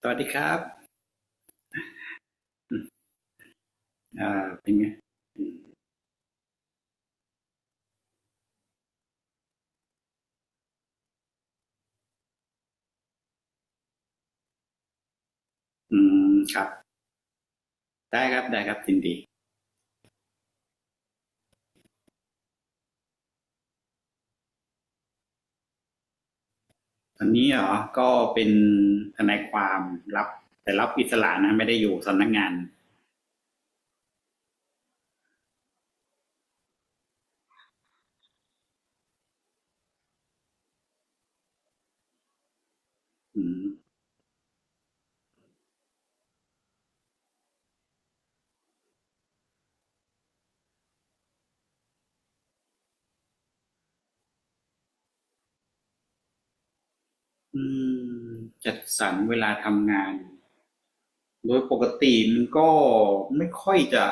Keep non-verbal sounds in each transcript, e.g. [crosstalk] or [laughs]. สวัสดีครับอเป็นไงอืมครับ ได้ครับ ได้ครับยินดีตอนนี้เหรอก็เป็นทนายความรับ แต่รับอิสระนะไม่ได้อยู่สำนักงานอืมอืมจัดสรรเวลาทำงาน โดยปกติมันก็ไม่ค่อยจะ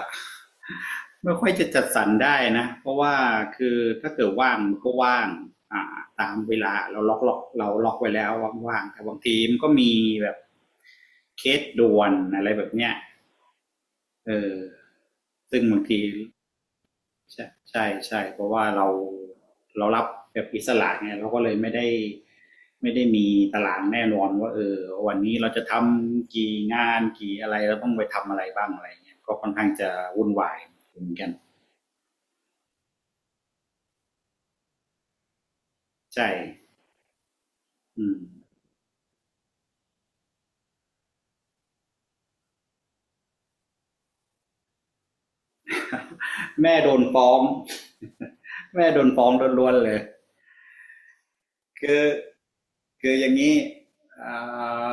[laughs] ไม่ค่อยจะจัดสรรได้นะเพราะว่าคือถ้าเกิดว่างมันก็ว่างอ่าตามเวลาเราล็อกล็อกเราล็อกไว้แล้วว่างๆแต่บางทีมันก็มีแบบเคสด่วนอะไรแบบเนี้ยเออซึ่งบางที ใช่ใช่ใช่เพราะว่าเรารับแบบอิสระไงเราก็เลยไม่ได้มีตารางแน่นอนว่าเออวันนี้เราจะทำกี่งานกี่อะไรเราต้องไปทำอะไรบ้างอะไรเงี้ยก็ค่อนข้างจะวุ่นวายเหมือนกันใช่อืมแม่โดนฟ้อง [laughs] แม่โดนฟ้องล้วนๆเลยคือคืออย่างนี้อ่า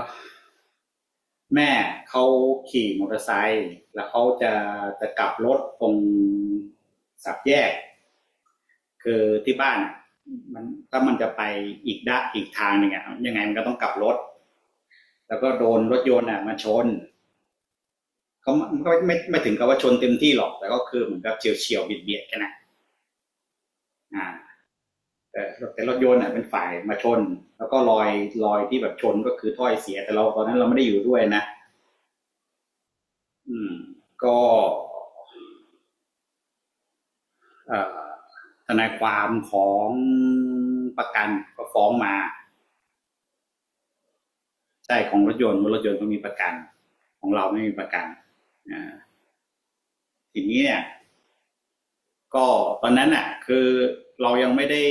แม่เขาขี่มอเตอร์ไซค์แล้วเขาจะกลับรถตรงสับแยก คือที่บ้านมันถ้ามันจะไปอีกด้านอีกทางหนึ่งอะยังไงมันก็ต้องกลับรถแล้วก็โดนรถยนต์อะมาชนเขาก็ไม่ถึงกับว่าชนเต็มที่หรอกแต่ก็คือเหมือนกับเฉียวเฉียวเบียดเบียดกันนะอ่าแต่แต่รถยนต์อะเป็นฝ่ายมาชนแล้วก็รอยที่แบบชนก็คือถ้อยเสียแต่เราตอนนั้นเราไม่ได้อยู่ด้วยนะอืมก็เอ่อทนายความของประกันก็ฟ้องมาใช่ของรถยนต์รถยนต์ก็มีประกันของเราไม่มีประกันอ่า ทีนี้เนี่ยก็ตอนนั้นอ่ะคือเรา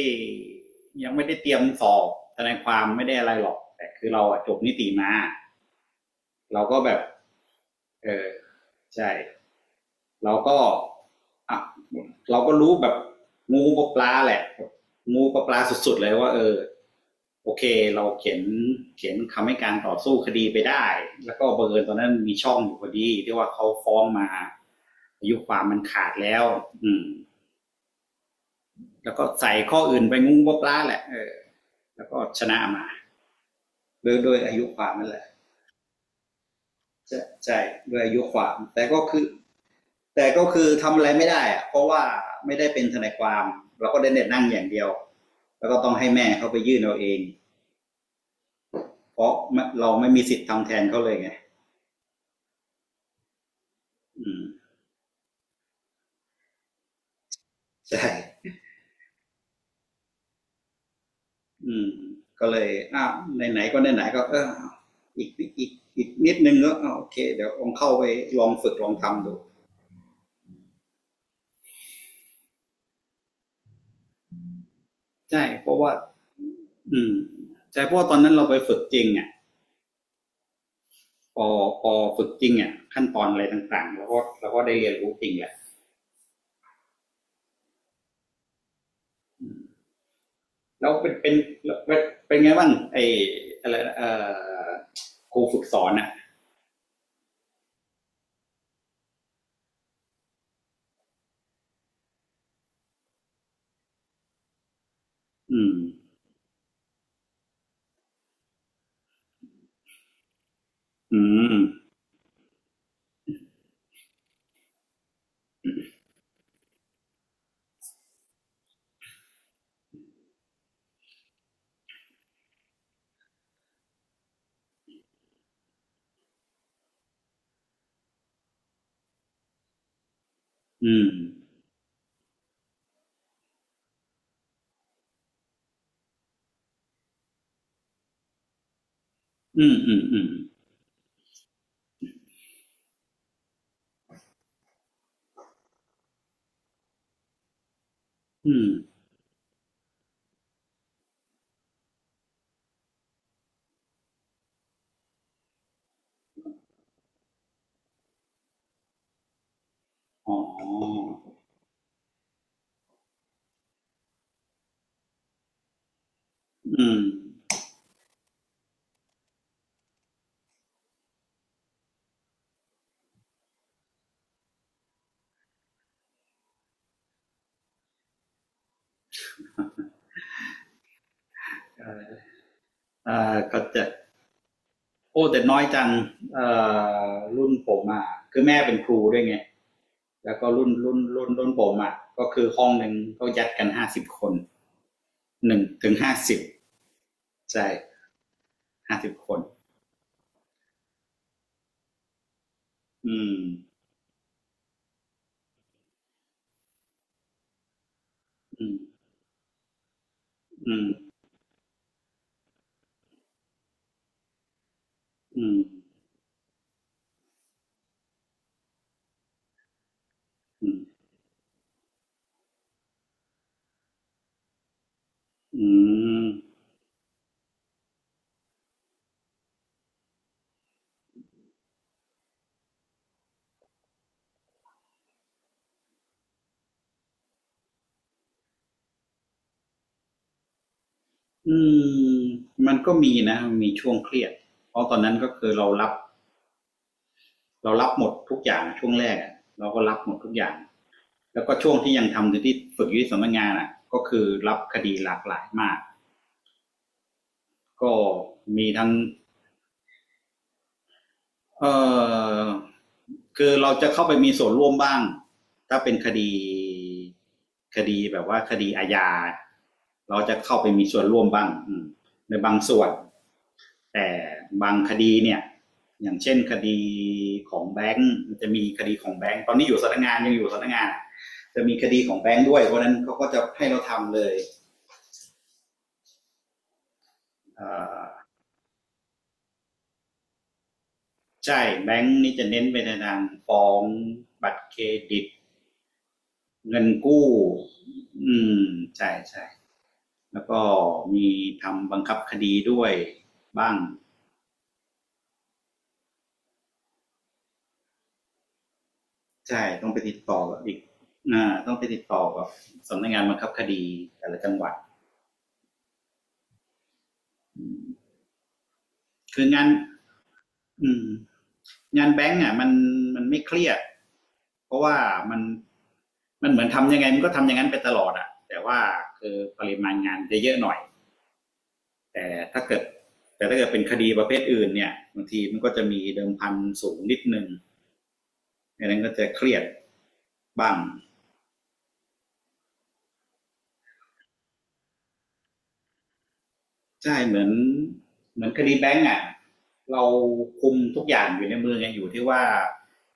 ยังไม่ได้เตรียมสอบทนายความไม่ได้อะไรหรอกแต่คือเราจบนิติมาเราก็แบบเออใช่เราก็อ่ะเราก็รู้แบบงูกับปลาแหละงูกับปลาสุดๆเลยว่าเออโอเคเราเขียนคำให้การต่อสู้คดีไปได้แล้วก็บังเอิญตอนนั้นมีช่องอยู่พอดีที่ว่าเขาฟ้องมาอายุความมันขาดแล้วอืม แล้วก็ใส่ข้ออื่นไปงุ้งบกล้าแหละเออแล้วก็ชนะมาโด้วยอายุความนั่นแหละใช่โด้วยอายุความแต่ก็คือทำอะไรไม่ได้อะเพราะว่าไม่ได้เป็นทนายความเราก็ได้เน็ตนั่งอย่างเดียวแล้วก็ต้องให้แม่เขาไปยื่นเอาเองเพราะเราไม่มีสิทธิ์ทำแทนเขาเลยไงอืมใช่อืมก็เลยอ้าวไหนๆก็ไหนๆก็เอออีกอีกอีกนิดนึงก็่โอเคเดี๋ยวลองเข้าไปลองฝึกลองทำดูใช่เพราะว่า อืมใช่เพราะว่าตอนนั้นเราไปฝึกจริงอ่ะพอพอฝึกจริงอ่ะขั้นตอนอะไรต่างๆเราก็ได้เรียนรู้จริงแหละแล้วเป็นเป็นไงบ้างไออะไรอครูฝึกสอนอ่ะอืมอืมอืมอืมอืมอืมอืมอ๋ออืมอ่าก็จะโอ้แต่น้อยจังเอ่รุ่นผมอ่ะคือแม่เป็นครูด้วยไงแล้วก็รุ่นผมอ่ะก็คือห้องหนึ่งก็ยัดกันห้าสิบคน 1 ถึง 50ใช่50 คนอืมอืมอืมอืมอืมอืมอืมมันก็มีนะมนมีช่วงเครียดเพราะตอนนั้นก็คือเรารับหมดทุกอย่างอะช่วงแรกอะเราก็รับหมดทุกอย่างแล้วก็ช่วงที่ยังทำอยู่ที่ฝึกอยู่ที่สำนักงานอ่ะก็คือรับคดีหลากหลายมากก็มีทั้ง เอ่อคือเราจะเข้าไปมีส่วนร่วมบ้างถ้าเป็นคดีแบบว่าคดีอาญาเราจะเข้าไปมีส่วนร่วมบ้างในบางส่วนแต่บางคดีเนี่ยอย่างเช่นคดีของแบงค์จะมีคดีของแบงค์ตอนนี้อยู่สำนักงานยังอยู่สำนักงานจะมีคดีของแบงค์ด้วยเพราะนั้นเขาก็จะให้เราทำเลยอ่อใช่แบงค์นี่จะเน้นไปในทางฟ้องบัตรเครดิต เงินกู้อืมใช่ใช่แล้วก็มีทำบังคับคดีด้วยบ้างใช่ต้องไปติดต่อกับอีกอ่าต้องไปติดต่อกับสำนักงานบังคับคดีแต่ละจังหวัดคืองานอืมงานแบงก์อ่ะมันไม่เครียดเพราะว่ามันมันเหมือนทำยังไงมันก็ทำอย่างนั้นไปตลอดอ่ะแต่ว่าคือปริมาณงานจะเยอะหน่อยแต่ถ้าเกิดแต่ถ้าเกิดเป็นคดีประเภทอื่นเนี่ยบางทีมันก็จะมีเดิมพันสูงนิดนึง ไม่นั้นก็จะเครียดบ้างใช่เหมือนคดีแบงก์อ่ะเราคุมทุกอย่างอยู่ในมือไงอยู่ที่ว่า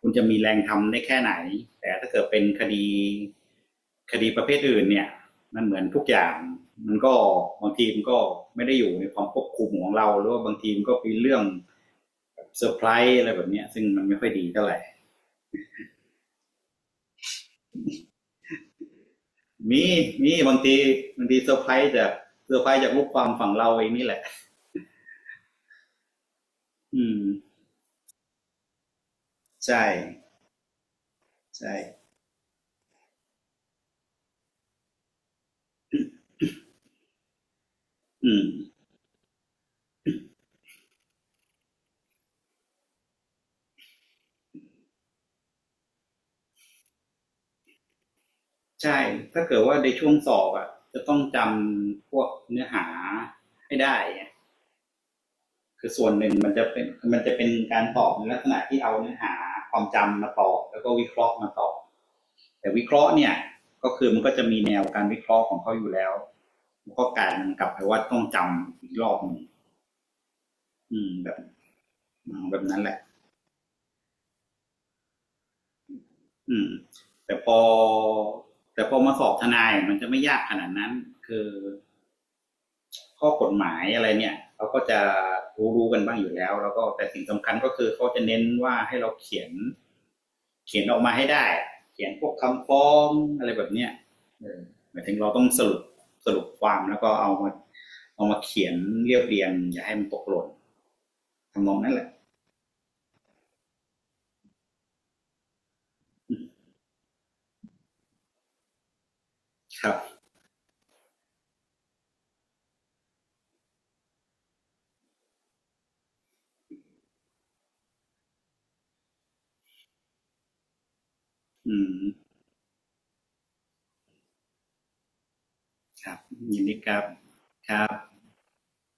คุณจะมีแรงทำได้แค่ไหนแต่ถ้าเกิดเป็นคดีประเภทอื่นเนี่ยมันเหมือนทุกอย่างมันก็บางทีมันก็ไม่ได้อยู่ในความควบคุมของเราหรือว่าบางทีมันก็เป็นเรื่องเซอร์ไพรส์อะไรแบบเนี้ซึ่งมันไม่ค่อยดีเท่าไหร่มีมีบางทีบางทีเซอร์ไพรส์จากเซอร์ไพรส์จากลูกความฝั่งเราเองนี่แหละอืมใช่ ใช่อืมใช่ถ้าเกิดว่าในช่วงสอบอ่ะจะต้องจำพวกเนื้อหาให้ได้คือส่วนหนึ่งมันจะเป็นการตอบในลักษณะที่เอาเนื้อหาความจำมาตอบแล้วก็วิเคราะห์มาตอบแต่วิเคราะห์เนี่ยก็คือมันก็จะมีแนวการวิเคราะห์ของเขาอยู่แล้วมันก็กลายมักลับไปว่าต้องจำอีกรอบหนึ่งอืมแบบนั้นแหละอืมแต่พอแต่พอมาสอบทนายมันจะไม่ยากขนาดนั้นคือ ข้อกฎหมายอะไรเนี่ยเขาก็จะรู้ๆกันบ้างอยู่แล้วแล้วก็แต่สิ่งสำคัญก็คือเขาจะเน้นว่าให้เราเขียนออกมาให้ได้เขียนพวกคำฟ้องอะไรแบบเนี้ยเหมายถึงเราต้องสรุปความแล้วก็เอามาเขียนเรียบเรียงอย่าให้มันตกหล่นทำนองนั้นแหละครับอืมครับยินดีครับครับ